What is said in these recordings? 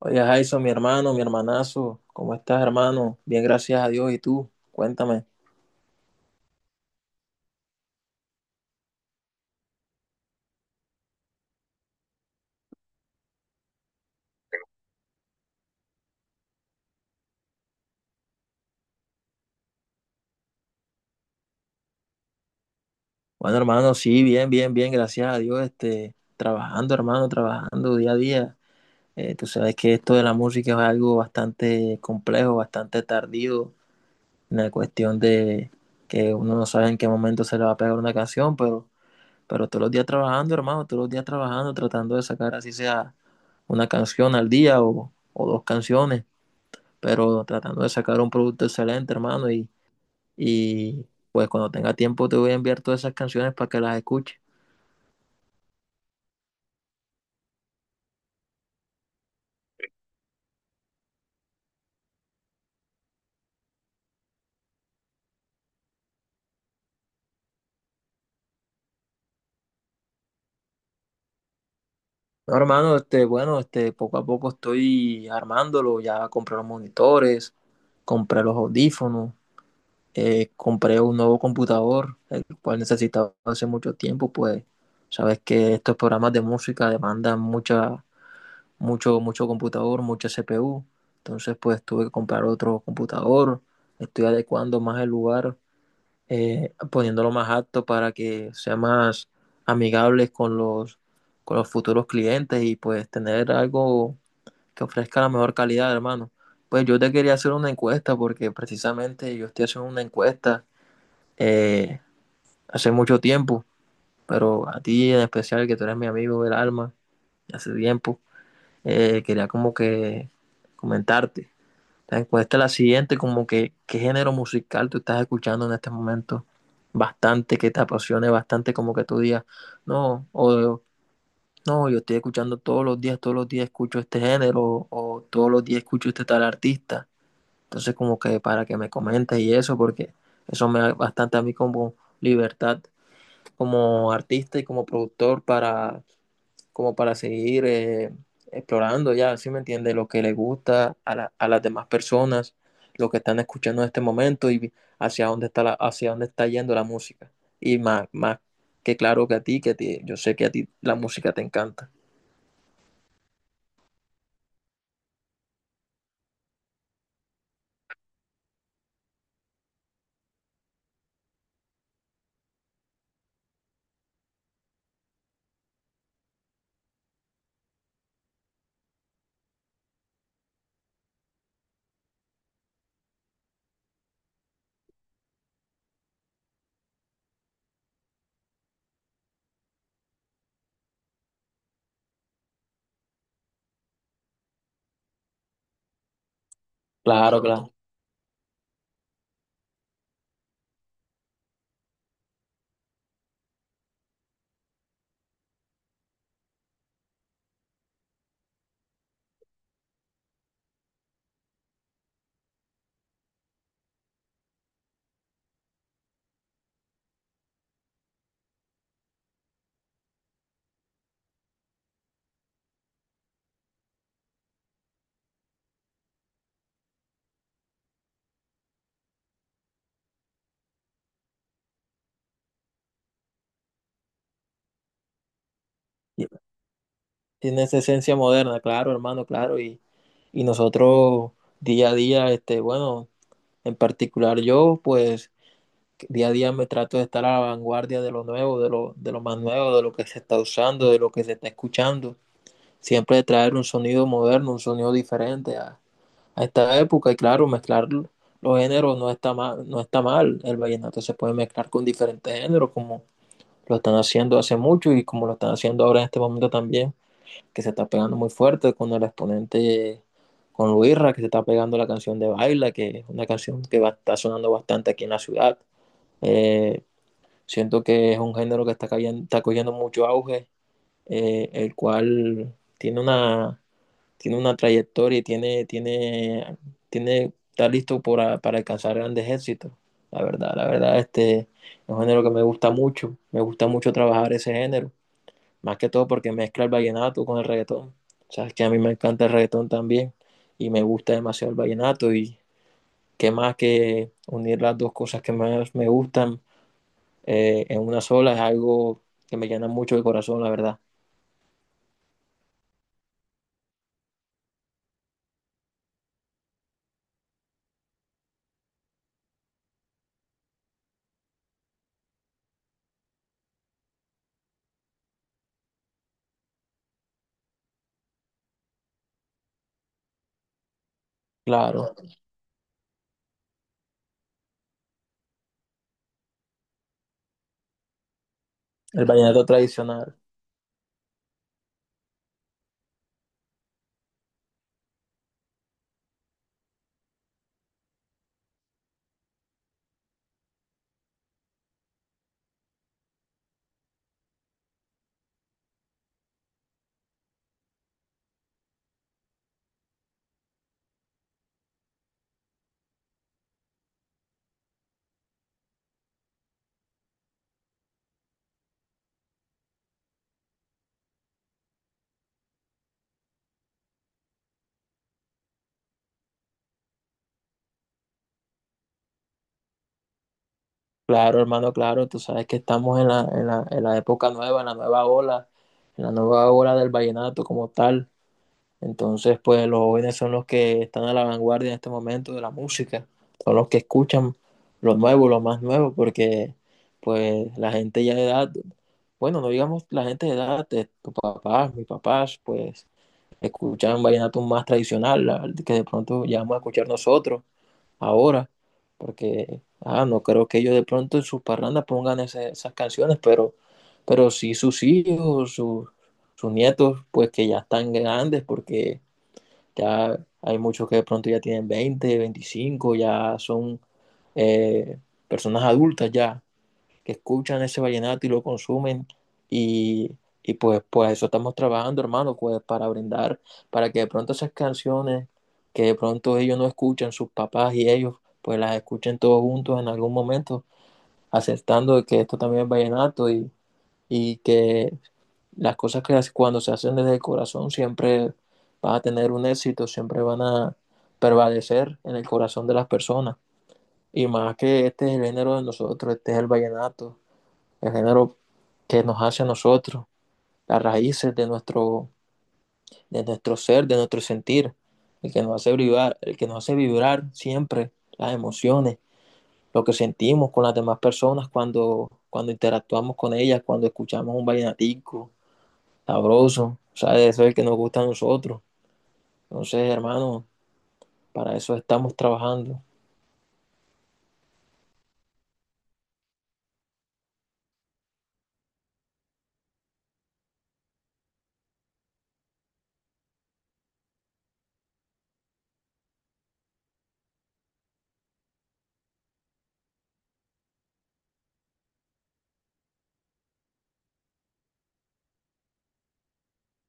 Oye, Jason, mi hermano, mi hermanazo, ¿cómo estás, hermano? Bien, gracias a Dios. ¿Y tú? Cuéntame. Bueno, hermano, sí, bien, bien, bien, gracias a Dios. Trabajando, hermano, trabajando día a día. Tú sabes que esto de la música es algo bastante complejo, bastante tardío, en la cuestión de que uno no sabe en qué momento se le va a pegar una canción, pero todos los días trabajando, hermano, todos los días trabajando, tratando de sacar así sea una canción al día o dos canciones, pero tratando de sacar un producto excelente, hermano, y pues cuando tenga tiempo te voy a enviar todas esas canciones para que las escuches. No, hermano, bueno, poco a poco estoy armándolo. Ya compré los monitores, compré los audífonos, compré un nuevo computador, el cual necesitaba hace mucho tiempo. Pues sabes que estos programas de música demandan mucho computador, mucha CPU. Entonces pues tuve que comprar otro computador. Estoy adecuando más el lugar, poniéndolo más apto para que sea más amigables con con los futuros clientes y pues tener algo que ofrezca la mejor calidad, hermano. Pues yo te quería hacer una encuesta porque precisamente yo estoy haciendo una encuesta eh, hace mucho tiempo, pero a ti en especial, que tú eres mi amigo del alma, hace tiempo. Quería como que comentarte. La encuesta es la siguiente, como que qué género musical tú estás escuchando en este momento. Bastante, que te apasione bastante, como que tú digas, no, o no, yo estoy escuchando todos los días escucho este género, o todos los días escucho este tal artista. Entonces, como que para que me comentes y eso, porque eso me da bastante a mí como libertad como artista y como productor, para como para seguir explorando ya, ¿sí me entiende? Lo que le gusta a, a las demás personas, lo que están escuchando en este momento y hacia dónde está, hacia dónde está yendo la música. Y más, más que claro que a ti, yo sé que a ti la música te encanta. Claro, claro. Y tiene esa esencia moderna, claro, hermano, claro. Y y nosotros día a día, este, bueno, en particular yo, pues día a día me trato de estar a la vanguardia de lo nuevo, de lo más nuevo, de lo que se está usando, de lo que se está escuchando. Siempre de traer un sonido moderno, un sonido diferente a esta época. Y claro, mezclar los géneros no está mal, no está mal. El vallenato se puede mezclar con diferentes géneros, como lo están haciendo hace mucho y como lo están haciendo ahora en este momento también, que se está pegando muy fuerte con el exponente, con Luisra, que se está pegando la canción de Baila, que es una canción que va, está sonando bastante aquí en la ciudad. Eh, Siento que es un género que está, está cogiendo mucho auge, el cual tiene una trayectoria y tiene, está listo para alcanzar grandes éxitos. La verdad, este es un género que me gusta mucho. Me gusta mucho trabajar ese género, más que todo porque mezcla el vallenato con el reggaetón. Sabes que a mí me encanta el reggaetón también y me gusta demasiado el vallenato y qué más que unir las dos cosas que más me gustan en una sola es algo que me llena mucho el corazón, la verdad. Claro, el vallenato tradicional. Claro, hermano, claro, tú sabes que estamos en en la época nueva, en la nueva ola, en la nueva ola del vallenato como tal. Entonces, pues los jóvenes son los que están a la vanguardia en este momento de la música, son los que escuchan lo nuevo, lo más nuevo, porque pues la gente ya de edad, bueno, no digamos la gente de edad, de tus papás, mis papás, pues escuchan vallenato más tradicional, el que de pronto ya vamos a escuchar nosotros ahora, porque ah, no creo que ellos de pronto en sus parrandas pongan esas canciones, pero sí sus hijos, sus nietos, pues que ya están grandes, porque ya hay muchos que de pronto ya tienen 20 25 ya son eh, personas adultas ya que escuchan ese vallenato y lo consumen y, y pues, pues eso estamos trabajando, hermano, pues para brindar, para que de pronto esas canciones que de pronto ellos no escuchan, sus papás y ellos, pues las escuchen todos juntos en algún momento, aceptando que esto también es vallenato y que las cosas que cuando se hacen desde el corazón siempre van a tener un éxito, siempre van a prevalecer en el corazón de las personas. Y más que este es el género de nosotros, este es el vallenato, el género que nos hace a nosotros, las raíces de nuestro ser, de nuestro sentir, el que nos hace vibrar, el que nos hace vibrar siempre, las emociones, lo que sentimos con las demás personas cuando interactuamos con ellas, cuando escuchamos un vallenatico sabroso, ¿sabes? Eso es el que nos gusta a nosotros. Entonces, hermano, para eso estamos trabajando.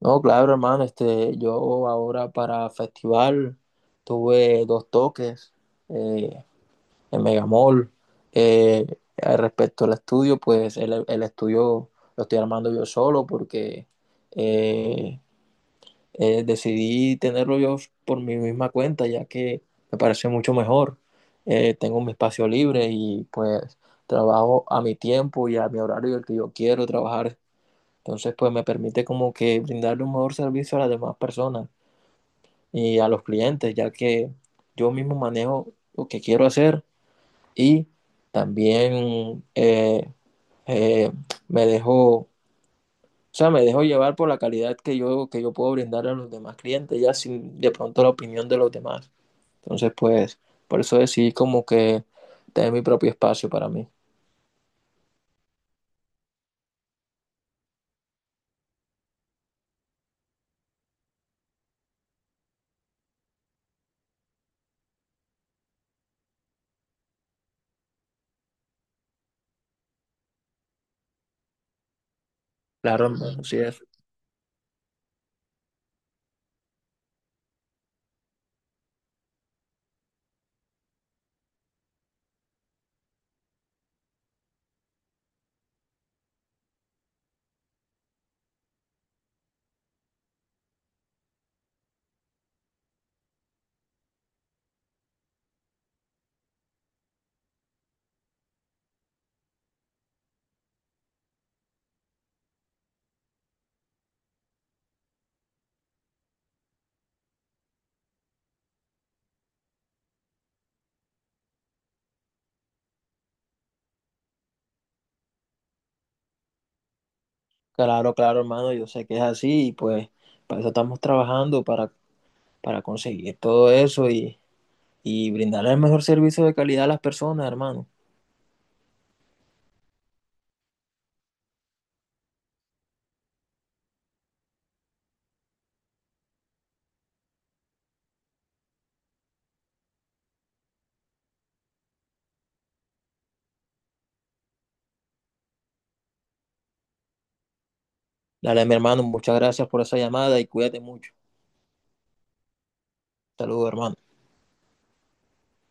No, claro, hermano, yo ahora para festival tuve dos toques. Eh, en Megamall. Eh, Respecto al estudio, pues estudio lo estoy armando yo solo porque eh, decidí tenerlo yo por mi misma cuenta, ya que me parece mucho mejor. Tengo mi espacio libre y pues trabajo a mi tiempo y a mi horario el que yo quiero trabajar. Entonces, pues me permite como que brindarle un mejor servicio a las demás personas y a los clientes, ya que yo mismo manejo lo que quiero hacer y también eh, me dejó... O sea, me dejo llevar por la calidad que que yo puedo brindar a los demás clientes, ya sin de pronto la opinión de los demás. Entonces, pues, por eso decidí como que tener mi propio espacio para mí. Claro, hermano, sí es. Claro, claro, hermano, yo sé que es así y pues para eso estamos trabajando, para conseguir todo eso y brindar el mejor servicio de calidad a las personas, hermano. Dale, mi hermano, muchas gracias por esa llamada y cuídate mucho. Saludos, hermano.